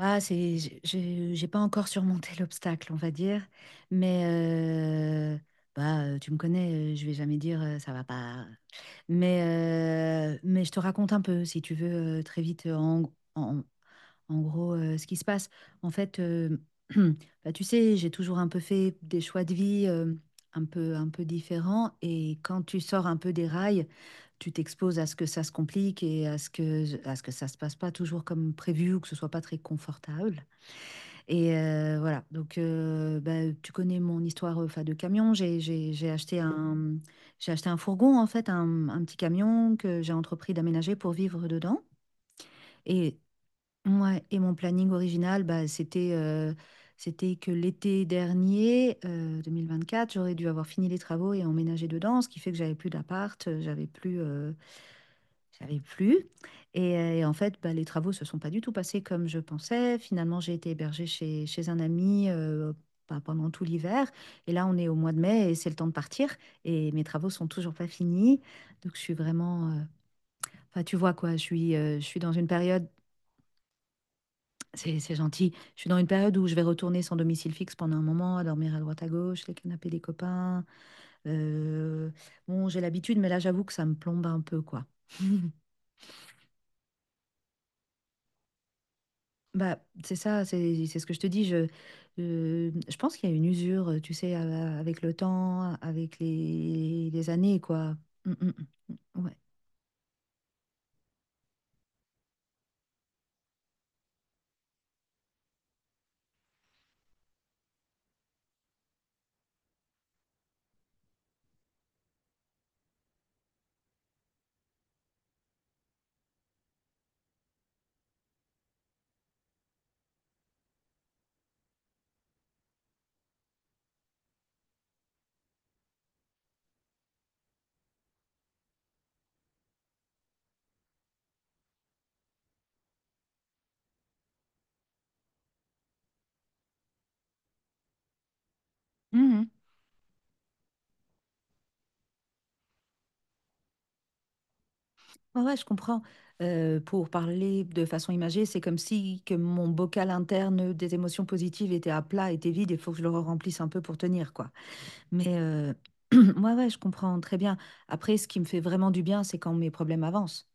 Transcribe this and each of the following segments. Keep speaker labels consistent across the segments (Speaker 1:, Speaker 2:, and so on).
Speaker 1: J'ai pas encore surmonté l'obstacle, on va dire. Mais euh, bah, tu me connais, je vais jamais dire ça va pas. Mais, mais je te raconte un peu, si tu veux, très vite, en- en gros, ce qui se passe. En fait, bah, tu sais, j'ai toujours un peu fait des choix de vie un peu différents. Et quand tu sors un peu des rails, tu t'exposes à ce que ça se complique et à ce que ça se passe pas toujours comme prévu ou que ce soit pas très confortable. Et voilà, donc bah, tu connais mon histoire enfin, de camion. J'ai acheté un fourgon, en fait, un petit camion que j'ai entrepris d'aménager pour vivre dedans. Et, ouais, et mon planning original, bah, c'était c'était que l'été dernier, 2024, j'aurais dû avoir fini les travaux et emménager dedans, ce qui fait que j'avais plus d'appart, j'avais plus, j'avais plus. Et en fait, bah, les travaux se sont pas du tout passés comme je pensais. Finalement, j'ai été hébergée chez, chez un ami bah, pendant tout l'hiver. Et là, on est au mois de mai et c'est le temps de partir. Et mes travaux sont toujours pas finis. Donc, je suis vraiment, enfin, tu vois quoi, je suis dans une période... c'est gentil. Je suis dans une période où je vais retourner sans domicile fixe pendant un moment, à dormir à droite à gauche, les canapés des copains. Euh, Bon, j'ai l'habitude, mais là, j'avoue que ça me plombe un peu, quoi. Bah, c'est ça, c'est ce que je te dis. Je pense qu'il y a une usure, tu sais, avec le temps, avec les années, quoi. Mm, mm, mm, ouais. Mhm. Ouais, ouais, je comprends. Pour parler de façon imagée, c'est comme si que mon bocal interne des émotions positives était à plat, était vide, il faut que je le remplisse un peu pour tenir, quoi. Mais ouais, ouais, je comprends très bien. Après, ce qui me fait vraiment du bien, c'est quand mes problèmes avancent.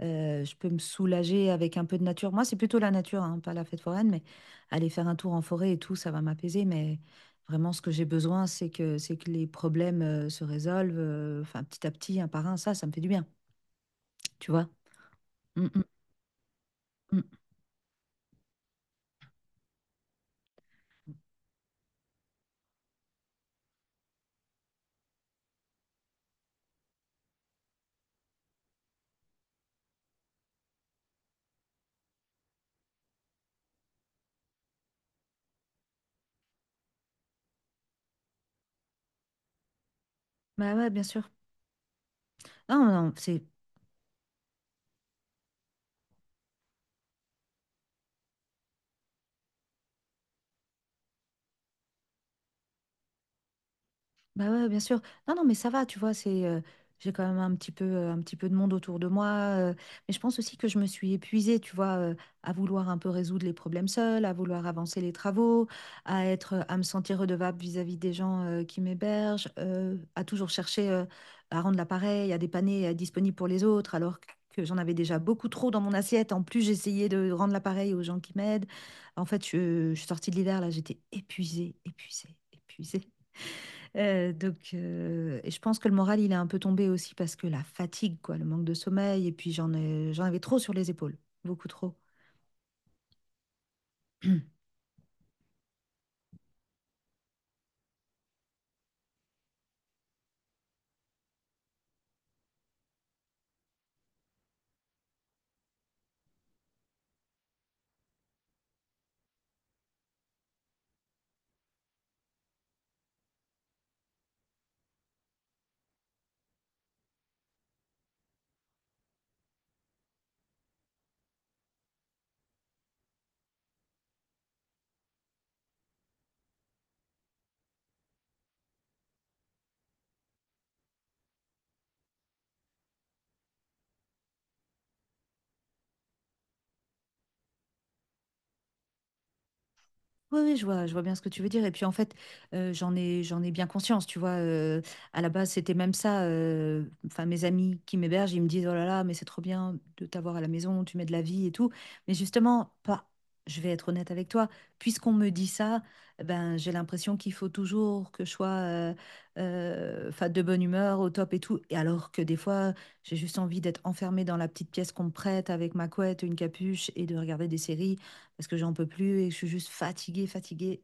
Speaker 1: Je peux me soulager avec un peu de nature. Moi, c'est plutôt la nature, hein, pas la fête foraine, mais aller faire un tour en forêt et tout, ça va m'apaiser. Mais vraiment, ce que j'ai besoin, c'est que les problèmes se résolvent, enfin, petit à petit, un par un. Ça me fait du bien, tu vois. Mm, mm, mm. Bah ouais, bien sûr. Non, non, c'est Bah ouais, bien sûr. Non, non, mais ça va, tu vois, c'est, j'ai quand même un petit peu de monde autour de moi. Mais je pense aussi que je me suis épuisée, tu vois, à vouloir un peu résoudre les problèmes seuls, à vouloir avancer les travaux, à être, à me sentir redevable vis-à-vis des gens, qui m'hébergent, à toujours chercher, à rendre l'appareil, à dépanner, à être disponible pour les autres, alors que j'en avais déjà beaucoup trop dans mon assiette. En plus, j'essayais de rendre l'appareil aux gens qui m'aident. En fait, je suis sortie de l'hiver, là, j'étais épuisée, épuisée, épuisée. Donc, et je pense que le moral, il est un peu tombé aussi parce que la fatigue, quoi, le manque de sommeil, et puis j'en avais trop sur les épaules, beaucoup trop. Oui, oui, je vois bien ce que tu veux dire. Et puis en fait, j'en ai bien conscience, tu vois. À la base, c'était même ça. Enfin, mes amis qui m'hébergent, ils me disent, oh là là, mais c'est trop bien de t'avoir à la maison, tu mets de la vie et tout. Mais justement, pas, je vais être honnête avec toi, puisqu'on me dit ça, eh ben, j'ai l'impression qu'il faut toujours que je sois 'fin, de bonne humeur, au top et tout. Et alors que des fois, j'ai juste envie d'être enfermée dans la petite pièce qu'on me prête avec ma couette, une capuche et de regarder des séries parce que j'en peux plus et je suis juste fatiguée, fatiguée.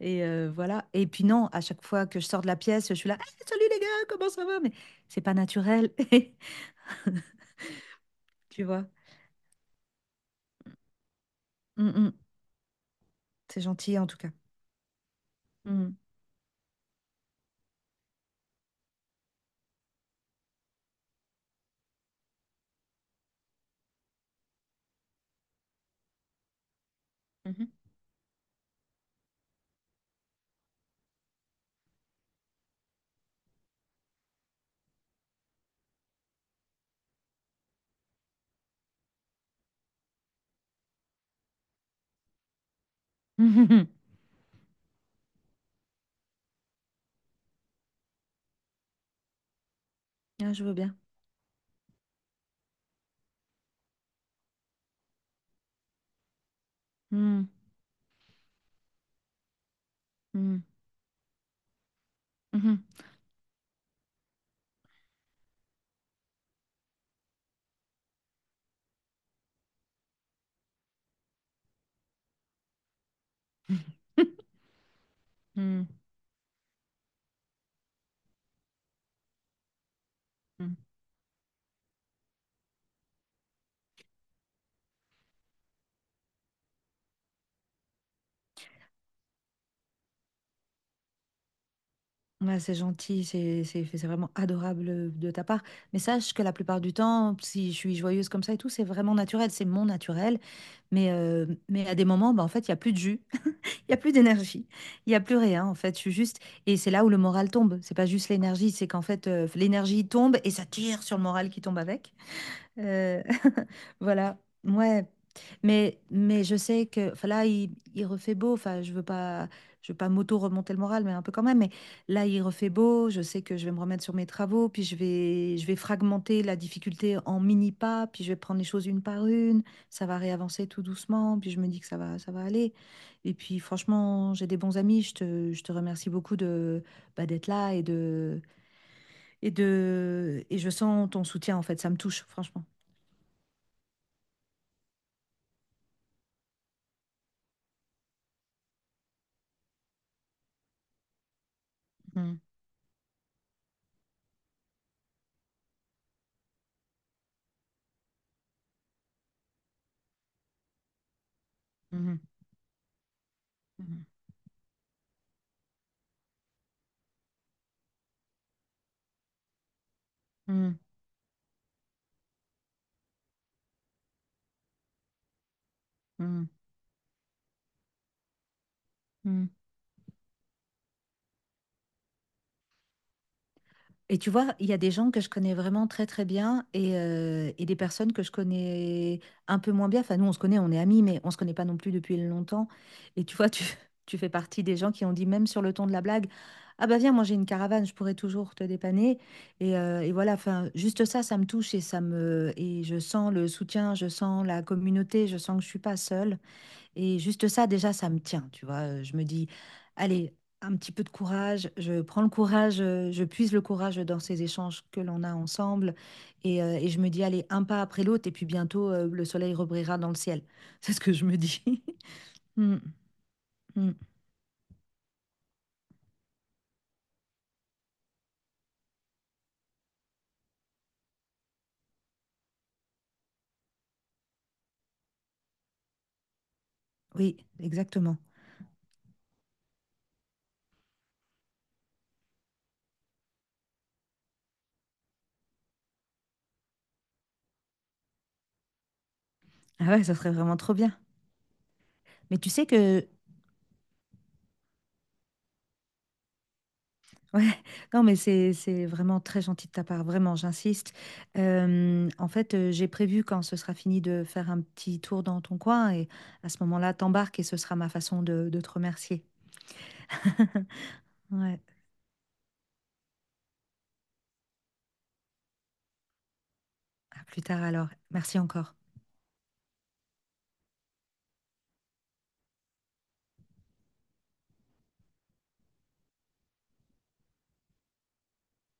Speaker 1: Et voilà. Et puis non, à chaque fois que je sors de la pièce, je suis là, hey, salut les gars, comment ça va? Mais c'est pas naturel, tu vois. Mm, mm. C'est gentil en tout cas. Mm. Mhm. Mhm. Ah, je veux bien. Mm, mm, mhm. Mm, mm. Ouais, c'est gentil, c'est c'est vraiment adorable de ta part. Mais sache que la plupart du temps, si je suis joyeuse comme ça et tout, c'est vraiment naturel, c'est mon naturel. Mais à des moments, bah, en fait, il n'y a plus de jus. Il y a plus d'énergie, il y a plus rien en fait. Je suis juste et c'est là où le moral tombe. C'est pas juste l'énergie, c'est qu'en fait l'énergie tombe et ça tire sur le moral qui tombe avec. Euh, voilà, ouais. Mais je sais que enfin, là, il refait beau. Je veux pas m'auto-remonter le moral, mais un peu quand même. Mais là, il refait beau. Je sais que je vais me remettre sur mes travaux. Puis je vais fragmenter la difficulté en mini pas. Puis je vais prendre les choses une par une. Ça va réavancer tout doucement. Puis je me dis que ça va aller. Et puis, franchement, j'ai des bons amis. Je te remercie beaucoup de, bah, d'être là et je sens ton soutien en fait. Ça me touche, franchement. Mm. Mhm, mhm, mhm, mhm, mhm. Et tu vois, il y a des gens que je connais vraiment très très bien et des personnes que je connais un peu moins bien. Enfin, nous, on se connaît, on est amis, mais on se connaît pas non plus depuis longtemps. Et tu vois, tu fais partie des gens qui ont dit, même sur le ton de la blague, ah bah viens, moi j'ai une caravane, je pourrais toujours te dépanner. Et voilà, enfin, juste ça, ça me touche et ça me et je sens le soutien, je sens la communauté, je sens que je suis pas seule. Et juste ça, déjà, ça me tient, tu vois. Je me dis, allez, un petit peu de courage, je prends le courage, je puise le courage dans ces échanges que l'on a ensemble. Et je me dis, allez, un pas après l'autre, et puis bientôt, le soleil rebrillera dans le ciel. C'est ce que je me dis. Mm, mm. Oui, exactement. Ah ouais, ça serait vraiment trop bien. Mais tu sais que Ouais, non, mais c'est vraiment très gentil de ta part, vraiment, j'insiste. J'ai prévu quand ce sera fini de faire un petit tour dans ton coin et à ce moment-là, t'embarques et ce sera ma façon de te remercier. Ouais, à plus tard alors. Merci encore.